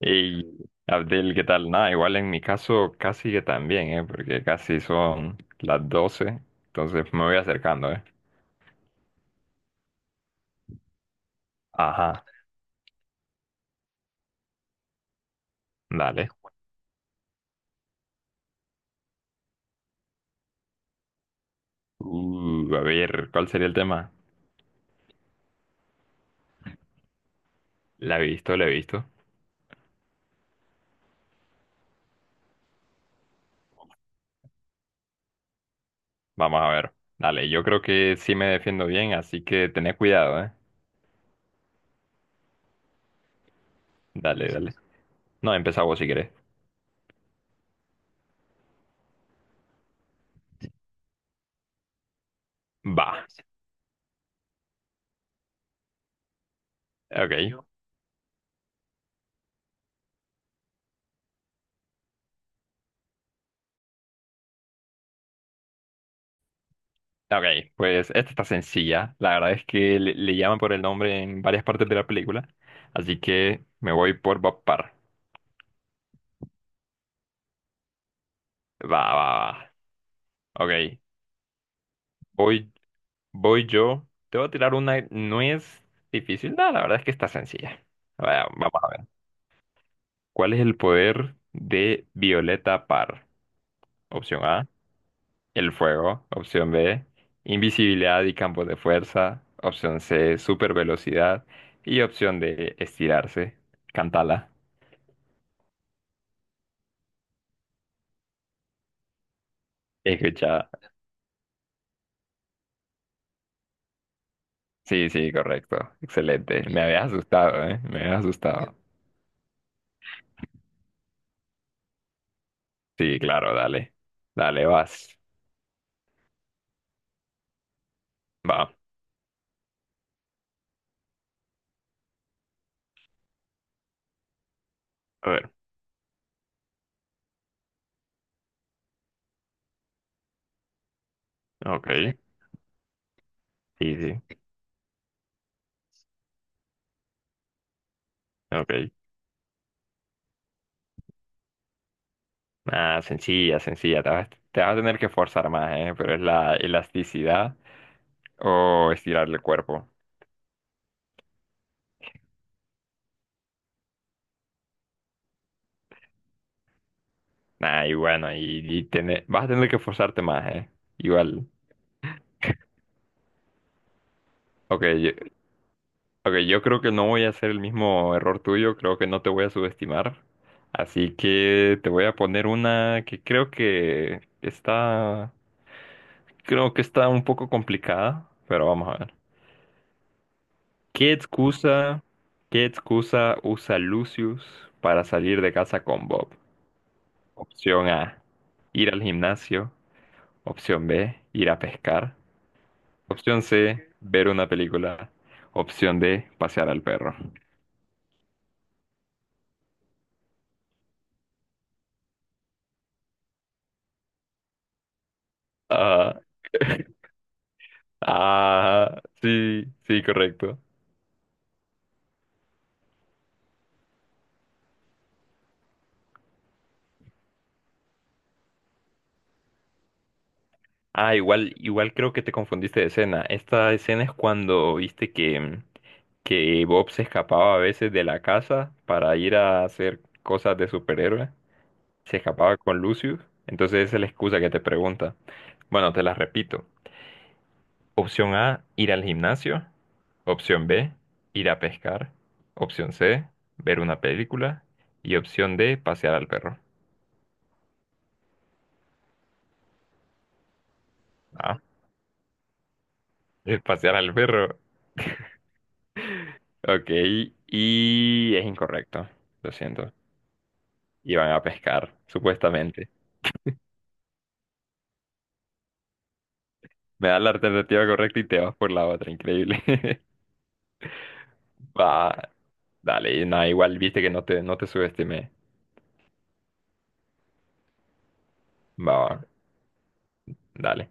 Y Abdel, ¿qué tal? Nada, igual en mi caso casi que también, ¿eh? Porque casi son las 12, entonces me voy acercando, ¿eh? Ajá, dale. A ver, ¿cuál sería el tema? La he visto, la he visto. Vamos a ver. Dale, yo creo que sí me defiendo bien, así que tené cuidado, ¿eh? Dale, dale. No, empezá vos si querés. Va. Ok. Ok, pues esta está sencilla. La verdad es que le llaman por el nombre en varias partes de la película, así que me voy por Bob Parr. Va, va, va. Ok, voy, voy yo. Te voy a tirar una. No es difícil. No, la verdad es que está sencilla. Vamos a ver. ¿Cuál es el poder de Violeta Parr? Opción A, el fuego. Opción B, invisibilidad y campos de fuerza. Opción C, supervelocidad. Y opción D, estirarse. Cántala. Escucha. Sí, sí, correcto. Excelente. Me habías asustado, ¿eh? Me habías asustado. Sí, claro, dale. Dale, vas. Va. A ver, ok, sí, sí, ok. Ah, sencilla, sencilla. Te vas a tener que forzar más, ¿eh? Pero es la elasticidad o estirar el cuerpo. Ah, y bueno, vas a tener que forzarte más, ¿eh? Igual. Ok, yo, ok, yo creo que no voy a hacer el mismo error tuyo, creo que no te voy a subestimar. Así que te voy a poner una que creo que está un poco complicada, pero vamos a ver. ¿Qué excusa, ¿qué excusa usa Lucius para salir de casa con Bob? Opción A, ir al gimnasio. Opción B, ir a pescar. Opción C, ver una película. Opción D, pasear al perro. Ah, ah, sí, sí, correcto. Ah, igual, igual creo que te confundiste de escena. Esta escena es cuando viste que Bob se escapaba a veces de la casa para ir a hacer cosas de superhéroe. Se escapaba con Lucius, entonces esa es la excusa que te pregunta. Bueno, te la repito. Opción A, ir al gimnasio. Opción B, ir a pescar. Opción C, ver una película. Y opción D, pasear al perro. Ah, es pasear al perro. Ok, y es incorrecto. Lo siento. Iban a pescar, supuestamente. Me da la alternativa correcta y te vas por la otra, increíble. Va, dale, nada, igual viste que no te subestimé. Va, va, dale.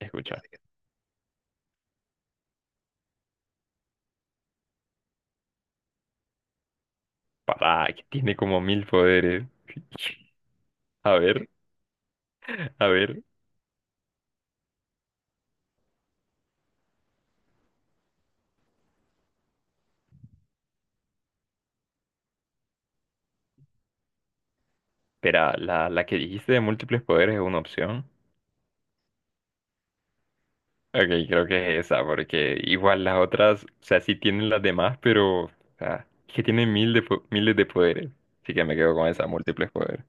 Escucha, papá, que tiene como mil poderes. A ver, a ver. Espera, la que dijiste de múltiples poderes es una opción. Ok, creo que es esa, porque igual las otras, o sea, sí tienen las demás, pero, o sea, es que tienen mil de, po- miles de poderes. Así que me quedo con esa, múltiples poderes.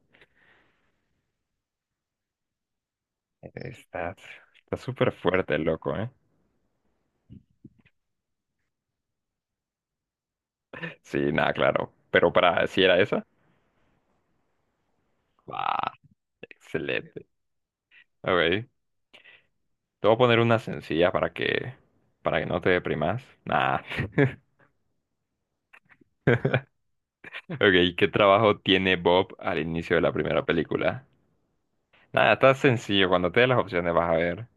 Está, está súper fuerte, el loco, ¿eh? Sí, nada, claro. Pero para, ¿si era esa? Va, excelente. Ok, te voy a poner una sencilla para que no te deprimas. Nada. Ok, ¿qué trabajo tiene Bob al inicio de la primera película? Nada, está sencillo. Cuando te dé las opciones vas a ver.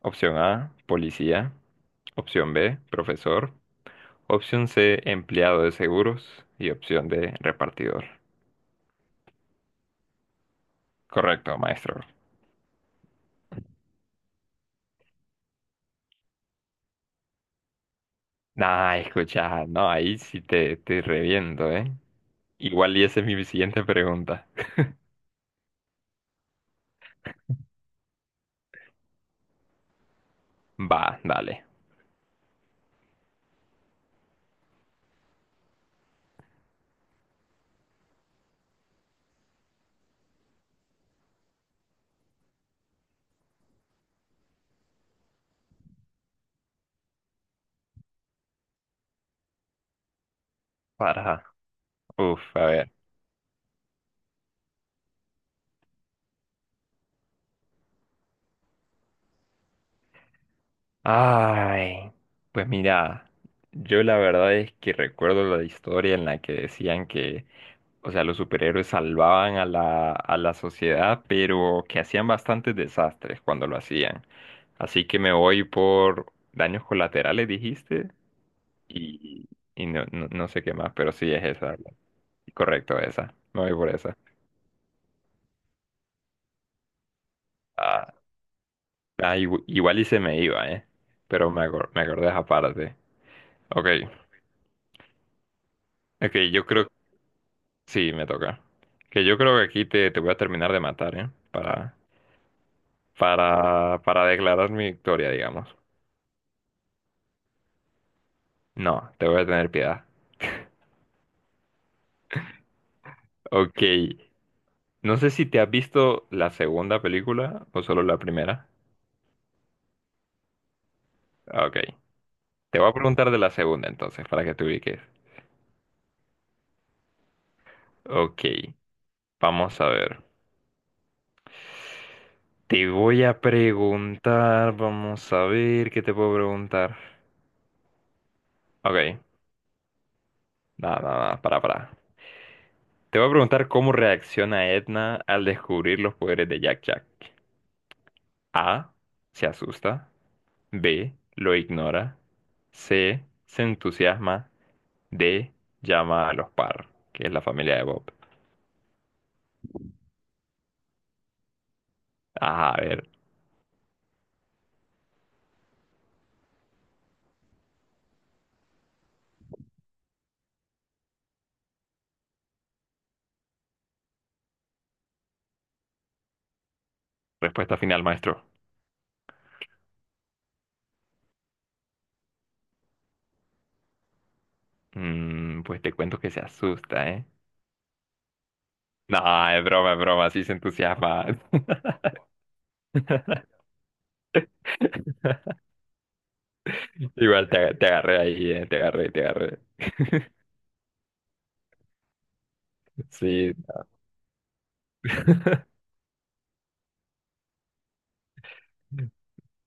Opción A, policía. Opción B, profesor. Opción C, empleado de seguros. Y opción D, repartidor. Correcto, maestro. Nah, escucha, no, ahí sí te reviento, ¿eh? Igual y esa es mi siguiente pregunta. Va, dale. Para. Uf, a ver. Ay, pues mira, yo la verdad es que recuerdo la historia en la que decían que, o sea, los superhéroes salvaban a a la sociedad, pero que hacían bastantes desastres cuando lo hacían. Así que me voy por daños colaterales, dijiste, y, y no, no, no sé qué más, pero sí es esa. Correcto, esa. Me voy por esa. Ah, ah, igu- igual y se me iba, ¿eh? Pero me, acor- me acordé de esa parte. Ok, ok, yo creo. Sí, me toca. Que yo creo que aquí te, te voy a terminar de matar, ¿eh? Para declarar mi victoria, digamos. No, te voy a tener piedad. Ok. No sé si te has visto la segunda película o solo la primera. Ah, ok. Te voy a preguntar de la segunda entonces, para que te ubiques. Ok. Vamos a ver. Te voy a preguntar, vamos a ver qué te puedo preguntar. Ok. Nada, nada, nada. Para, para. Te voy a preguntar cómo reacciona Edna al descubrir los poderes de Jack Jack. A. Se asusta. B. Lo ignora. C. Se entusiasma. D. Llama a los Parr, que es la familia de Bob. Ah, a ver, respuesta final, maestro. Mm, pues te cuento que se asusta, ¿eh? No, es broma, sí se entusiasma. Igual te, te agarré ahí, te agarré, te agarré. Sí. No.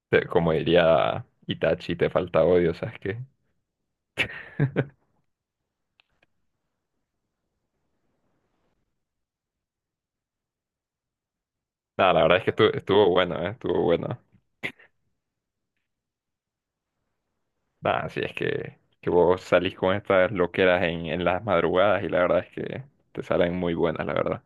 Te- Como diría Itachi, te falta odio, ¿sabes qué? Nada, la verdad es que estuvo, estuvo bueno, ¿eh? Estuvo bueno. Nada, si es que vos salís con estas loqueras en las madrugadas y la verdad es que te salen muy buenas, la verdad.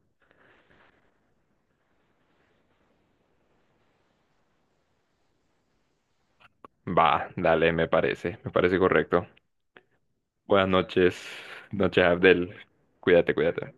Va, dale, me parece correcto. Buenas noches, noches Abdel. Cuídate, cuídate.